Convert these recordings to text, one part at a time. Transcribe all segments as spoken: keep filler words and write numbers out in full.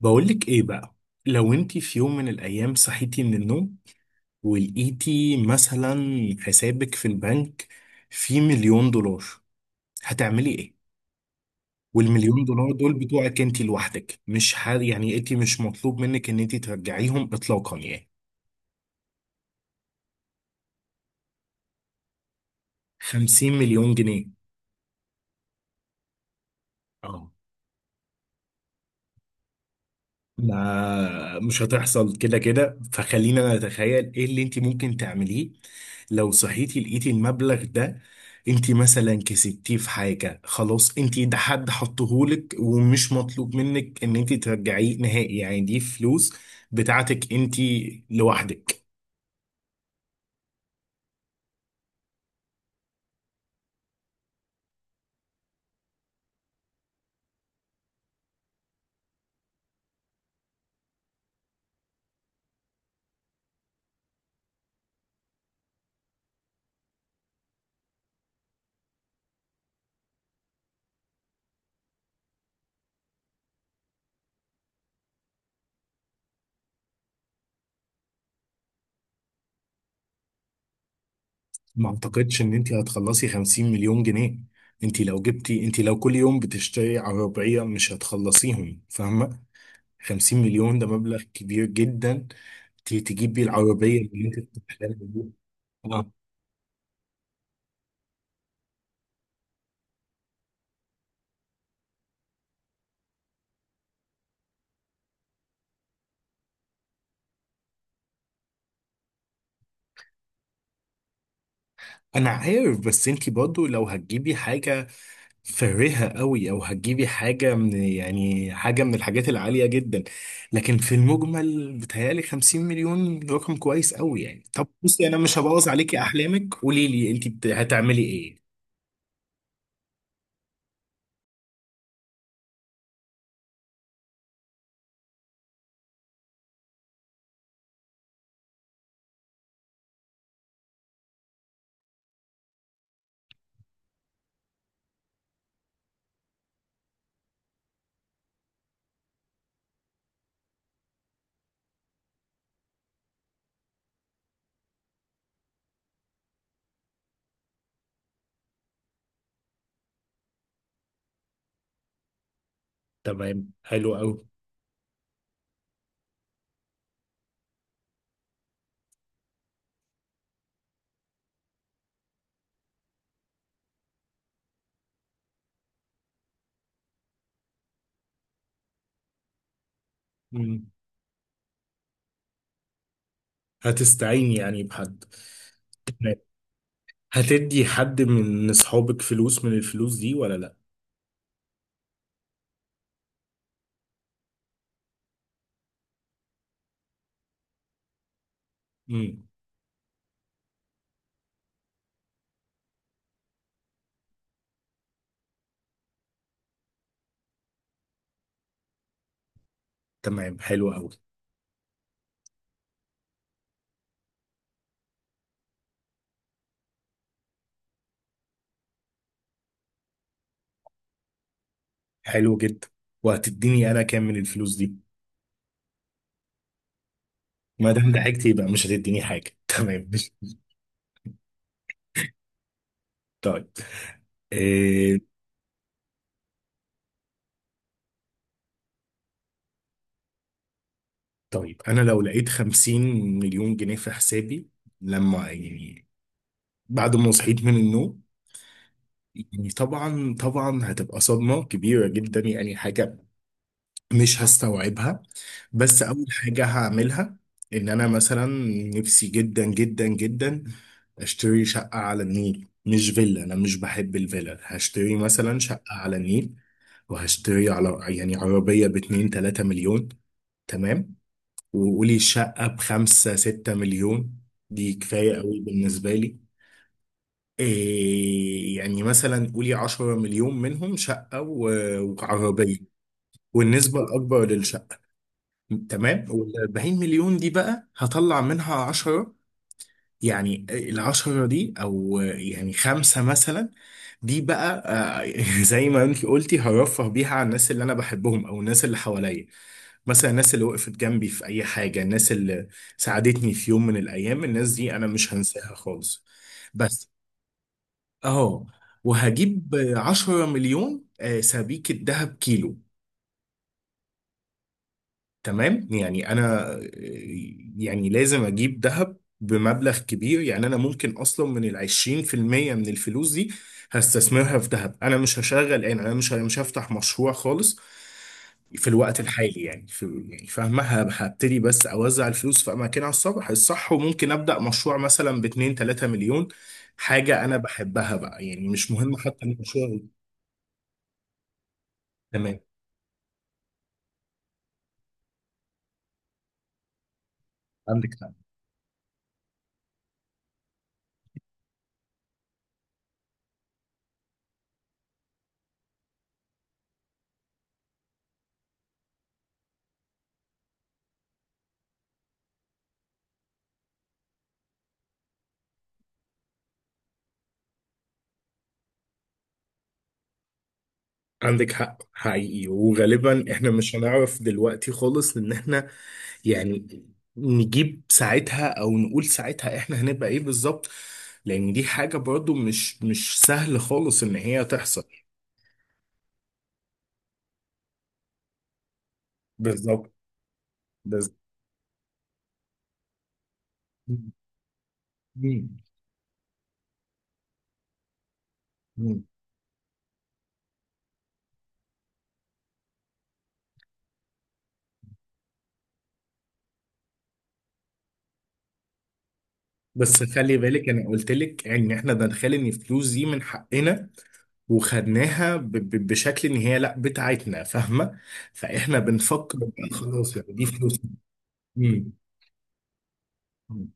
بقولك ايه بقى؟ لو انتي في يوم من الايام صحيتي من النوم ولقيتي مثلا حسابك في البنك فيه مليون دولار، هتعملي ايه؟ والمليون دولار دول بتوعك انتي لوحدك، مش ح... يعني انتي مش مطلوب منك ان انتي ترجعيهم اطلاقا يعني. خمسين مليون جنيه. اه. ما مش هتحصل كده كده، فخلينا انا اتخيل ايه اللي انت ممكن تعمليه لو صحيتي لقيتي المبلغ ده. انت مثلا كسبتيه في حاجة، خلاص انت ده حد حطهولك ومش مطلوب منك ان انت ترجعيه نهائي، يعني دي فلوس بتاعتك انت لوحدك. ما اعتقدش ان انت هتخلصي خمسين مليون جنيه. انت لو جبتي انت لو كل يوم بتشتري عربية مش هتخلصيهم، فاهمة؟ خمسين مليون ده مبلغ كبير جدا. ت- تجيب بيه العربية اللي انت بتحلم بيها. اه، انا عارف، بس انت برضو لو هتجيبي حاجة فارهة قوي او هتجيبي حاجة من يعني حاجة من الحاجات العالية جدا، لكن في المجمل بتهيألي خمسين مليون رقم كويس قوي يعني. طب بصي، انا مش هبوظ عليكي احلامك، قولي لي انت بت- هتعملي ايه. تمام، حلو قوي. مم. هتستعيني يعني بحد؟ هتدي حد من اصحابك فلوس من الفلوس دي ولا لا؟ امم. تمام، حلو قوي. حلو جدا. وهتديني انا كام من الفلوس دي؟ ما دام ضحكت يبقى مش هتديني حاجه تمام. طيب. إيه؟ طيب، انا لو لقيت خمسين مليون جنيه في حسابي، لما يعني بعد ما صحيت من النوم، يعني طبعا طبعا هتبقى صدمه كبيره جدا، يعني حاجه مش هستوعبها. بس مم. اول حاجة هعملها ان انا مثلا نفسي جدا جدا جدا اشتري شقة على النيل. مش فيلا، انا مش بحب الفيلا، هشتري مثلا شقة على النيل. وهشتري على يعني عربية باتنين تلاتة مليون. تمام. وقولي شقة بخمسة ستة مليون، دي كفاية مم. قوي بالنسبة لي. إيه يعني مثلا قولي عشرة مليون منهم شقة و- وعربية، والنسبة الأكبر للشقة. تمام. وال اربعين مليون دي بقى هطلع منها عشرة. يعني ال عشرة دي او يعني خمسة مثلا، دي بقى آه، زي ما انت قلتي هرفه بيها على الناس اللي انا بحبهم او الناس اللي حواليا. مثلا الناس اللي وقفت جنبي في اي حاجة، الناس اللي ساعدتني في يوم من الايام، الناس دي انا مش هنساها خالص. بس. اه. وهجيب عشرة مليون آه، سبيكة ذهب كيلو. تمام. يعني انا يعني لازم اجيب ذهب بمبلغ كبير، يعني انا ممكن اصلا من ال عشرين في المية من الفلوس دي هستثمرها في ذهب. انا مش هشغل، يعني انا مش مش هفتح مشروع خالص في الوقت الحالي، يعني في يعني فاهمة ه- هبتدي بس اوزع الفلوس في اماكنها الصح الصح، وممكن ابدا مشروع مثلا ب اتنين تلاتة مليون، حاجة انا بحبها بقى يعني، مش مهم حتى المشروع. تمام. عندك عندك حق حقيقي، وغالبا احنا مش هنعرف دلوقتي خالص ان احنا يعني نجيب ساعتها او نقول ساعتها احنا هنبقى ايه بالظبط، لان دي حاجة برضو مش مش سهل خالص ان هي تحصل. بالظبط. بس. مم. مم. بس خلي بالك انا قلت لك ان احنا دخل ان الفلوس دي من حقنا وخدناها ب- ب- بشكل ان هي لا بتاعتنا، فاهمة؟ فاحنا بنفكر بقى خلاص يعني، دي فلوس.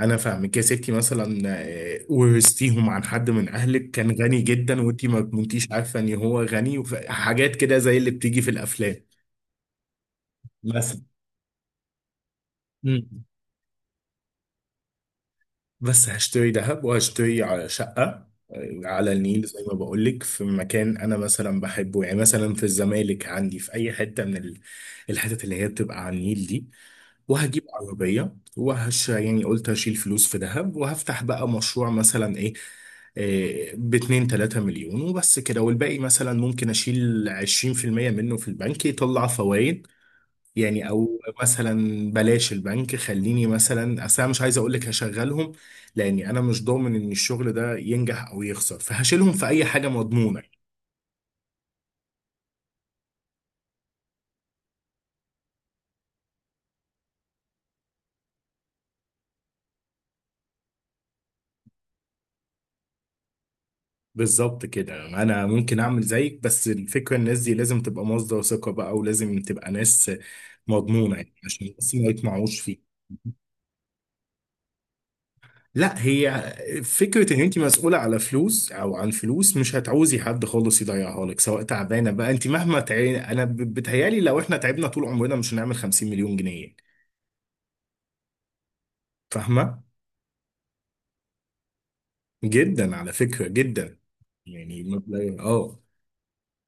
انا فاهمك يا ستي، مثلا آه، ورثتيهم عن حد من اهلك كان غني جدا وانتي ما كنتيش عارفه ان هو غني، وحاجات كده زي اللي بتيجي في الافلام مثلا. مم. بس هشتري ذهب وهشتري على شقه آه، على النيل، زي ما بقول لك في مكان انا مثلا بحبه، يعني مثلا في الزمالك، عندي في اي حته من ال- الحتت اللي هي بتبقى على النيل دي. وهجيب عربية، وهش يعني قلت هشيل فلوس في دهب، وهفتح بقى مشروع مثلا ايه، إيه باتنين تلاتة مليون وبس كده. والباقي مثلا ممكن اشيل عشرين في المية منه في البنك، يطلع فوائد يعني. او مثلا بلاش البنك، خليني مثلا اصل انا مش عايز اقول لك هشغلهم، لاني انا مش ضامن ان الشغل ده ينجح او يخسر، فهشيلهم في اي حاجة مضمونة. بالظبط كده، انا ممكن اعمل زيك، بس الفكره الناس دي لازم تبقى مصدر ثقه بقى، ولازم تبقى ناس مضمونه يعني، عشان بس ما يطمعوش فيه. لا، هي فكره ان انت مسؤوله على فلوس او عن فلوس مش هتعوزي حد خالص يضيعها لك، سواء تعبانه بقى انت مهما تعي... انا ب- بتهيالي لو احنا تعبنا طول عمرنا مش هنعمل خمسين مليون جنيه يعني. فاهمه؟ جدا، على فكره جدا، يعني مبلغ اه.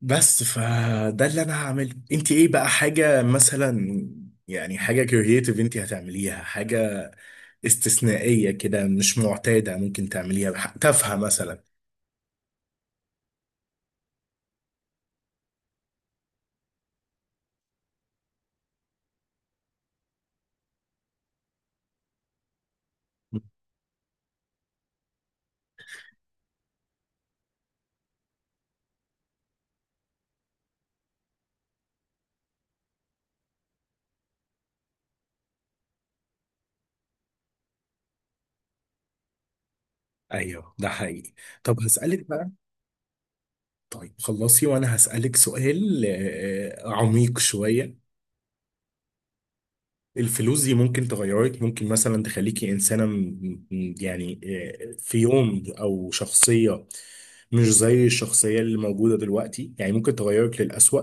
بس فده اللي انا هعمله، انت ايه بقى، حاجه مثلا يعني حاجه كرييتيف انت هتعمليها، حاجه استثنائيه كده مش معتاده، ممكن تعمليها تافهه مثلا. ايوه، ده حقيقي. طب هسألك بقى. طيب خلصي، وانا هسألك سؤال آه، عميق شوية. الفلوس دي ممكن تغيرك؟ ممكن مثلا تخليكي إنسانة م- م- يعني آه، في يوم، أو شخصية مش زي الشخصية اللي موجودة دلوقتي، يعني ممكن تغيرك للأسوأ؟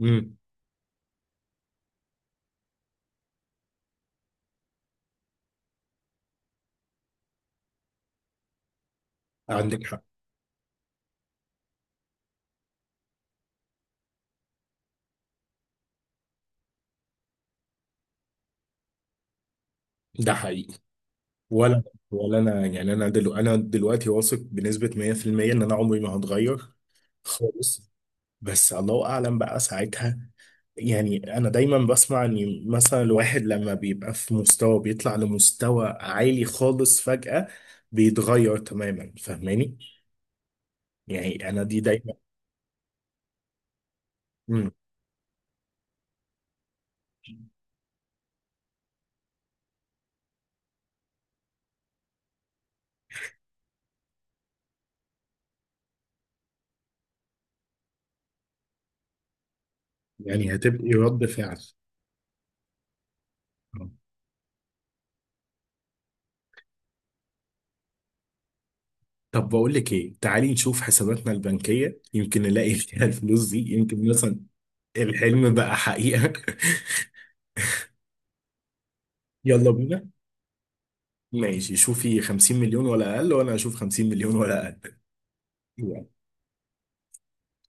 امم. عندك حق، ده حقيقي. ولا. ولا أنا يعني أنا دلو أنا دلوقتي واثق بنسبة مية في المية إن أنا عمري ما هتغير خالص. بس الله اعلم بقى ساعتها. يعني انا دايما بسمع ان مثلا الواحد لما بيبقى في مستوى بيطلع لمستوى عالي خالص فجأة بيتغير تماما، فاهماني؟ يعني انا دي دايما. مم. يعني هتبقي رد فعل. آه. طب بقول لك ايه، تعالي نشوف حساباتنا البنكية، يمكن نلاقي فيها الفلوس دي، يمكن مثلا الحلم بقى حقيقة يلا بينا. ماشي، شوفي خمسين مليون ولا اقل، وانا اشوف خمسين مليون ولا اقل.